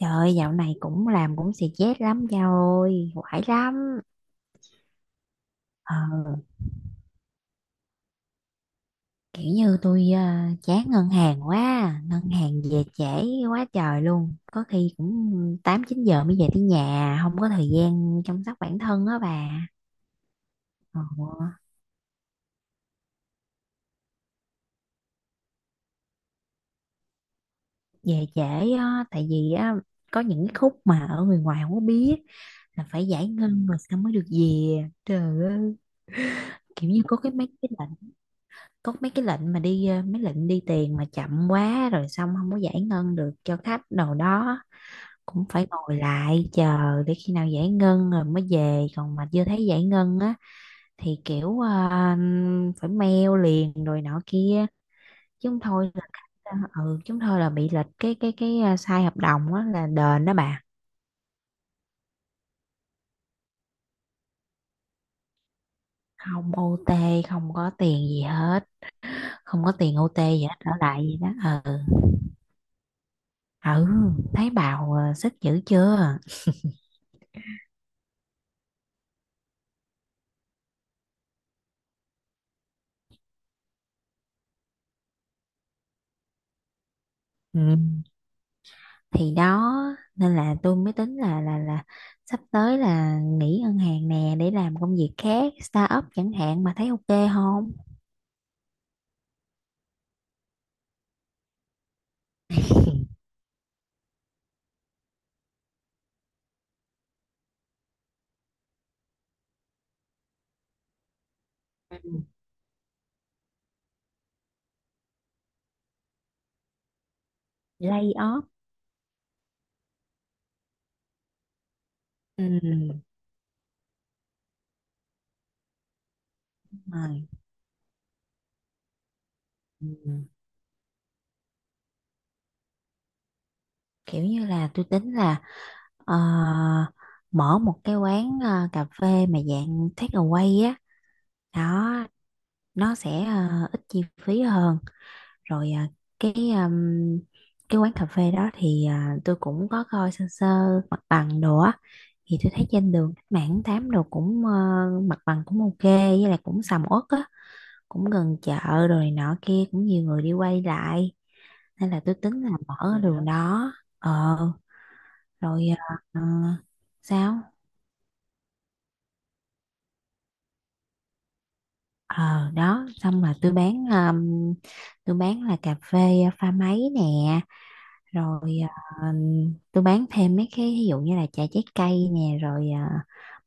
Trời ơi, dạo này cũng làm cũng stress lắm cha ơi, quải lắm. Ờ, kiểu như tôi chán ngân hàng quá, ngân hàng về trễ quá trời luôn. Có khi cũng tám chín giờ mới về tới nhà, không có thời gian chăm sóc bản thân á bà. Ờ, về trễ á, tại vì á, có những cái khúc mà ở người ngoài không có biết là phải giải ngân rồi sao mới được về. Trời ơi, kiểu như có mấy cái lệnh mà đi mấy lệnh đi tiền mà chậm quá rồi xong không có giải ngân được cho khách đồ đó, cũng phải ngồi lại chờ để khi nào giải ngân rồi mới về, còn mà chưa thấy giải ngân á thì kiểu phải mail liền rồi nọ kia, chứ không thôi là khách ờ, chứ không thôi là bị lệch cái sai hợp đồng á là đền đó bà. Không OT, không có tiền gì hết, không có tiền OT gì hết ở lại gì đó. Ừ. Ừ. Thấy bào sức dữ chưa. Ừ, thì đó, nên là tôi mới tính là sắp tới là nghỉ ngân hàng nè để làm công việc khác, start up chẳng hạn, mà thấy ok không. Ừ. Lay off. Ừ. Đúng rồi. Ừ. Kiểu như là tôi tính là ờ, mở một cái quán cà phê mà dạng take away á. Đó, nó sẽ ít chi phí hơn. Rồi cái um, cái quán cà phê đó thì tôi cũng có coi sơ sơ mặt bằng đồ á. Thì tôi thấy trên đường Cách Mạng Tháng Tám đồ cũng mặt bằng cũng ok, với lại cũng sầm uất á, cũng gần chợ rồi này nọ kia, cũng nhiều người đi quay lại, nên là tôi tính là mở cái đường đó. Ờ. Rồi. ờ, Sao. Ờ Đó, xong là tôi bán là cà phê pha máy nè. Rồi à, tôi bán thêm mấy cái ví dụ như là trà trái cây nè, rồi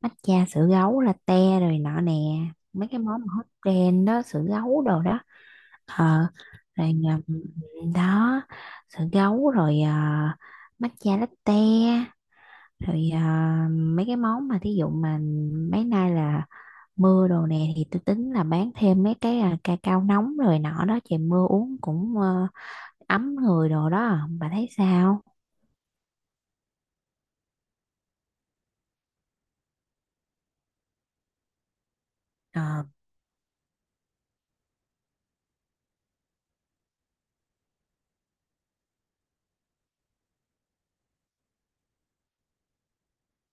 matcha, sữa gấu, latte rồi nọ nè, mấy cái món mà hot trend đó, sữa gấu đồ đó. Ờ. Rồi đó, sữa gấu rồi matcha latte, rồi mấy cái món mà thí dụ mà mấy nay là mưa đồ nè, thì tôi tính là bán thêm mấy cái ca cao nóng rồi nọ đó, trời mưa uống cũng ấm người đồ đó. Bà thấy sao?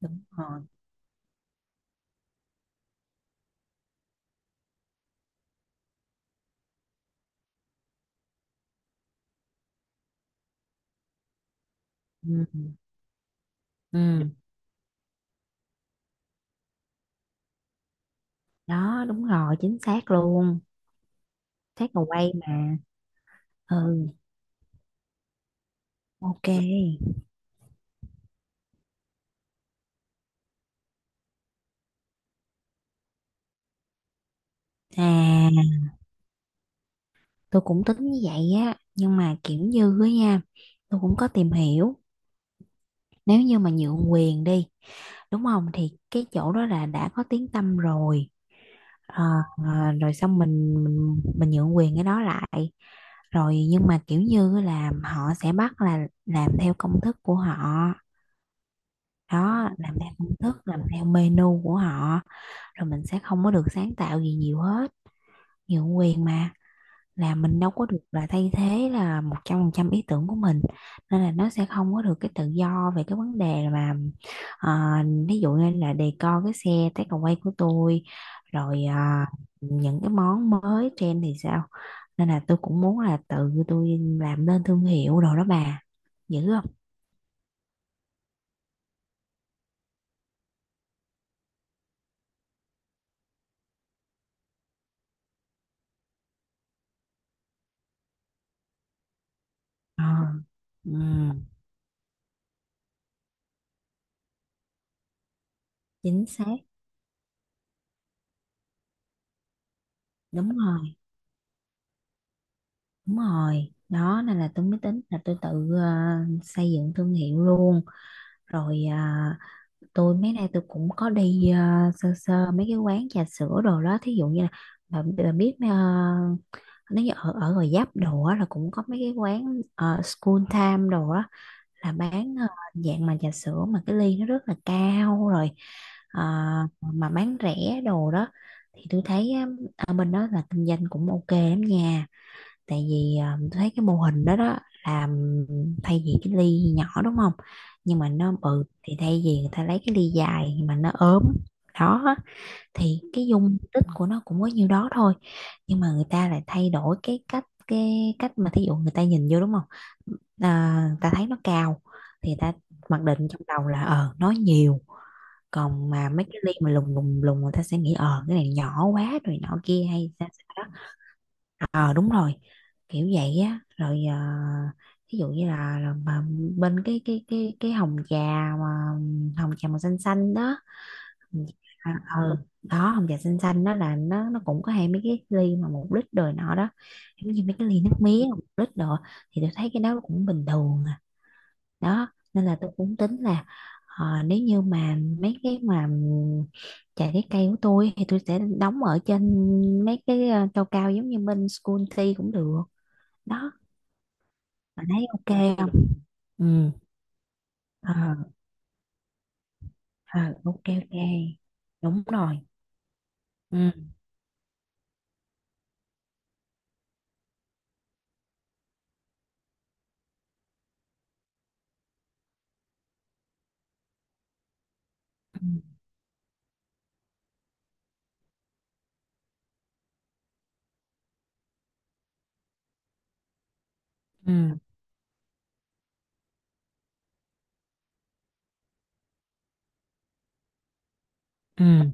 Đúng rồi. Ừ. Ừ, đó đúng rồi, chính xác luôn. Xác mà quay mà. Ừ. Ok. À, tôi cũng tính như vậy á, nhưng mà kiểu như á nha, tôi cũng có tìm hiểu. Nếu như mà nhượng quyền đi, đúng không, thì cái chỗ đó là đã có tiếng tăm rồi. Ờ, rồi xong mình nhượng quyền cái đó lại, rồi nhưng mà kiểu như là họ sẽ bắt là làm theo công thức của họ. Đó, làm theo công thức, làm theo menu của họ, rồi mình sẽ không có được sáng tạo gì nhiều hết. Nhượng quyền mà, là mình đâu có được là thay thế là 100% ý tưởng của mình. Nên là nó sẽ không có được cái tự do về cái vấn đề mà ví dụ như là decor cái xe takeaway của tôi, rồi những cái món mới trend thì sao. Nên là tôi cũng muốn là tự tôi làm nên thương hiệu đồ đó bà, dữ không. Ờ. Ừ, chính xác. Đúng rồi. Đúng rồi, đó nên là tôi mới tính là tôi tự ờ, xây dựng thương hiệu luôn. Rồi tôi mấy nay tôi cũng có đi sơ sơ mấy cái quán trà sữa đồ đó, thí dụ như là bà biết nếu như ở ở Gò Vấp đồ á là cũng có mấy cái quán School Time đồ á, là bán dạng mà trà sữa mà cái ly nó rất là cao rồi ờ, mà bán rẻ đồ đó. Thì tôi thấy á, ở bên đó là kinh doanh cũng ok lắm nha, tại vì tôi thấy cái mô hình đó đó, làm thay vì cái ly nhỏ đúng không, nhưng mà nó bự, thì thay vì người ta lấy cái ly dài nhưng mà nó ốm đó á, thì cái dung tích của nó cũng có nhiêu đó thôi, nhưng mà người ta lại thay đổi cái cách, mà thí dụ người ta nhìn vô, đúng không. À, người ta thấy nó cao thì người ta mặc định trong đầu là ờ nó nhiều, còn mà mấy cái ly mà lùng lùng lùng người ta sẽ nghĩ ờ cái này nhỏ quá rồi nhỏ kia hay sao sao. Ờ, đúng rồi, kiểu vậy á. Rồi ví dụ như là, mà bên cái hồng trà, mà hồng trà màu xanh xanh đó. À. Ừ. Đó hồng trà xanh xanh đó là nó cũng có hai mấy cái ly mà 1 lít đời nọ đó, giống như mấy cái ly nước mía 1 lít đồ. Thì tôi thấy cái đó cũng bình thường à. Đó, nên là tôi cũng tính là nếu như mà mấy cái mà trà trái cây của tôi thì tôi sẽ đóng ở trên mấy cái cao cao giống như bên School Tea cũng được. Đó, bạn thấy ok không. Ừ. Ờ. Ờ ok ok. Đúng rồi. Ừ. Ừ. Ừ. Ừ.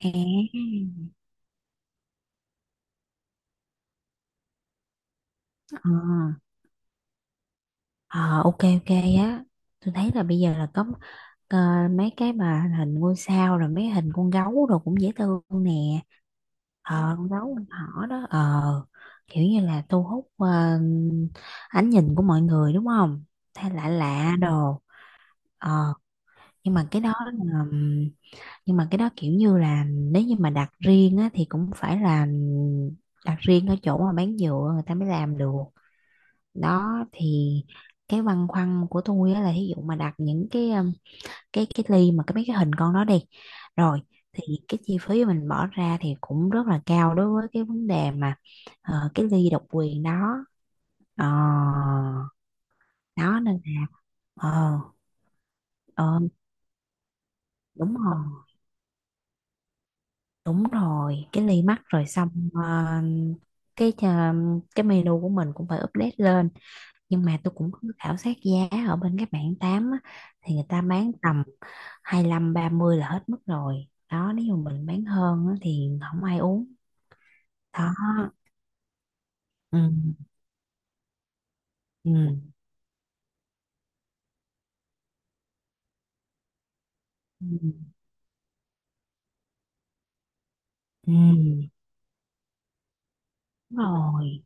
À. Ờ. ờ, ok ok. Á, tôi thấy là bây giờ là có ờ, mấy cái mà hình ngôi sao, rồi mấy hình con gấu rồi, cũng dễ thương nè. Ờ, con gấu con thỏ đó. Ờ, kiểu như là thu hút ánh nhìn của mọi người, đúng không, thay lạ lạ đồ. Ờ. nhưng mà cái đó là nhưng mà cái đó kiểu như là nếu như mà đặt riêng á, thì cũng phải là đặt riêng ở chỗ mà bán dựa người ta mới làm được. Đó thì cái băn khoăn của tôi á, là ví dụ mà đặt những cái ly mà mấy cái hình con đó đi, rồi thì cái chi phí mình bỏ ra thì cũng rất là cao đối với cái vấn đề mà cái ly độc quyền đó. Ờ, đó nên là. Ờ. ờ, Đúng rồi, đúng rồi, cái ly mắc rồi xong cái cái menu của mình cũng phải update lên. Nhưng mà tôi cũng có khảo sát giá ở bên các bạn tám á, thì người ta bán tầm 25 30 là hết mức rồi đó, nếu mà mình bán hơn á thì không ai uống. Đó. Ừ. Ừ. Ừ. Ừ. Đúng rồi,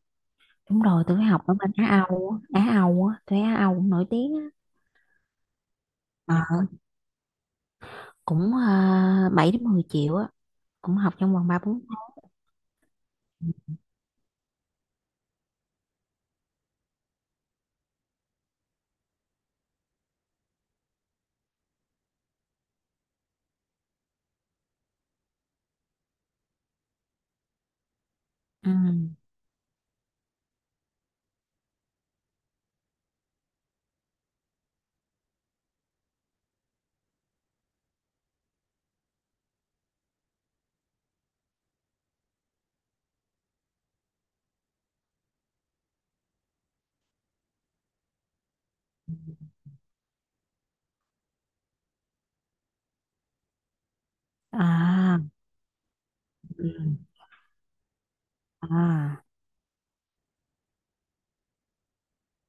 đúng rồi, tôi học ở bên Á Âu á. Á Âu á, tôi Á Âu cũng nổi tiếng á. Ờ, cũng 7 đến 10 triệu á, cũng học trong vòng 3 4 tháng. Ừ. Ừ. À. Ừ. À.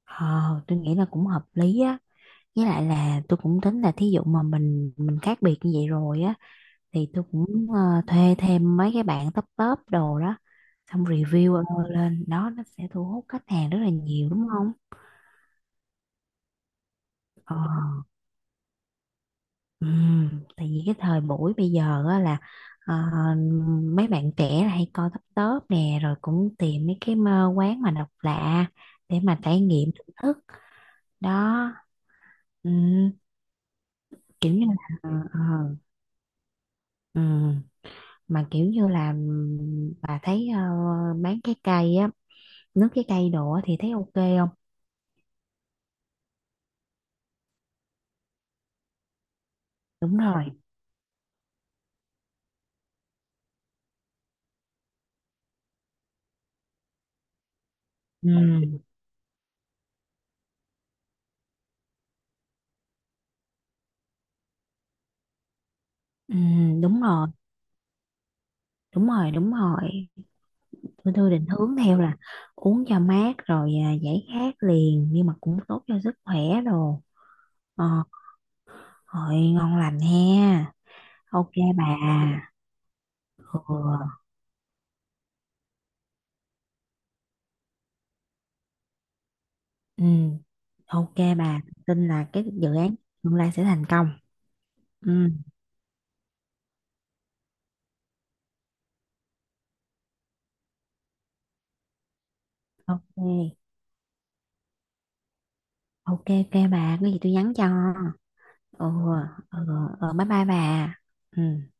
Ờ, tôi nghĩ là cũng hợp lý á. Với lại là tôi cũng tính là thí dụ mà mình khác biệt như vậy rồi á, thì tôi cũng thuê thêm mấy cái bạn top top đồ đó, xong review lên đó, nó sẽ thu hút khách hàng rất là nhiều, đúng không? Ờ, tại vì cái thời buổi bây giờ á là ờ, mấy bạn trẻ là hay coi top top nè, rồi cũng tìm mấy cái quán mà độc lạ để mà trải nghiệm thưởng thức. Đó. ừm, Kiểu như là ừ. Mà kiểu như là bà thấy bán trái cây á, nước trái cây đồ á thì thấy ok không. Đúng rồi. Ừ. Ừ, đúng rồi, đúng rồi. Đúng rồi, tôi định hướng theo là uống cho mát, rồi giải khát liền nhưng mà cũng tốt cho sức khỏe đồ. Ờ, hội ngon lành ha. Ok bà. Ừ. Ừ, ok bà, tin là cái dự án tương lai sẽ thành công. Ừ. Ok ok. Ok bà, có gì tôi nhắn cho. Ồ. Ờ. Ờ, bye bye bà. Ừ.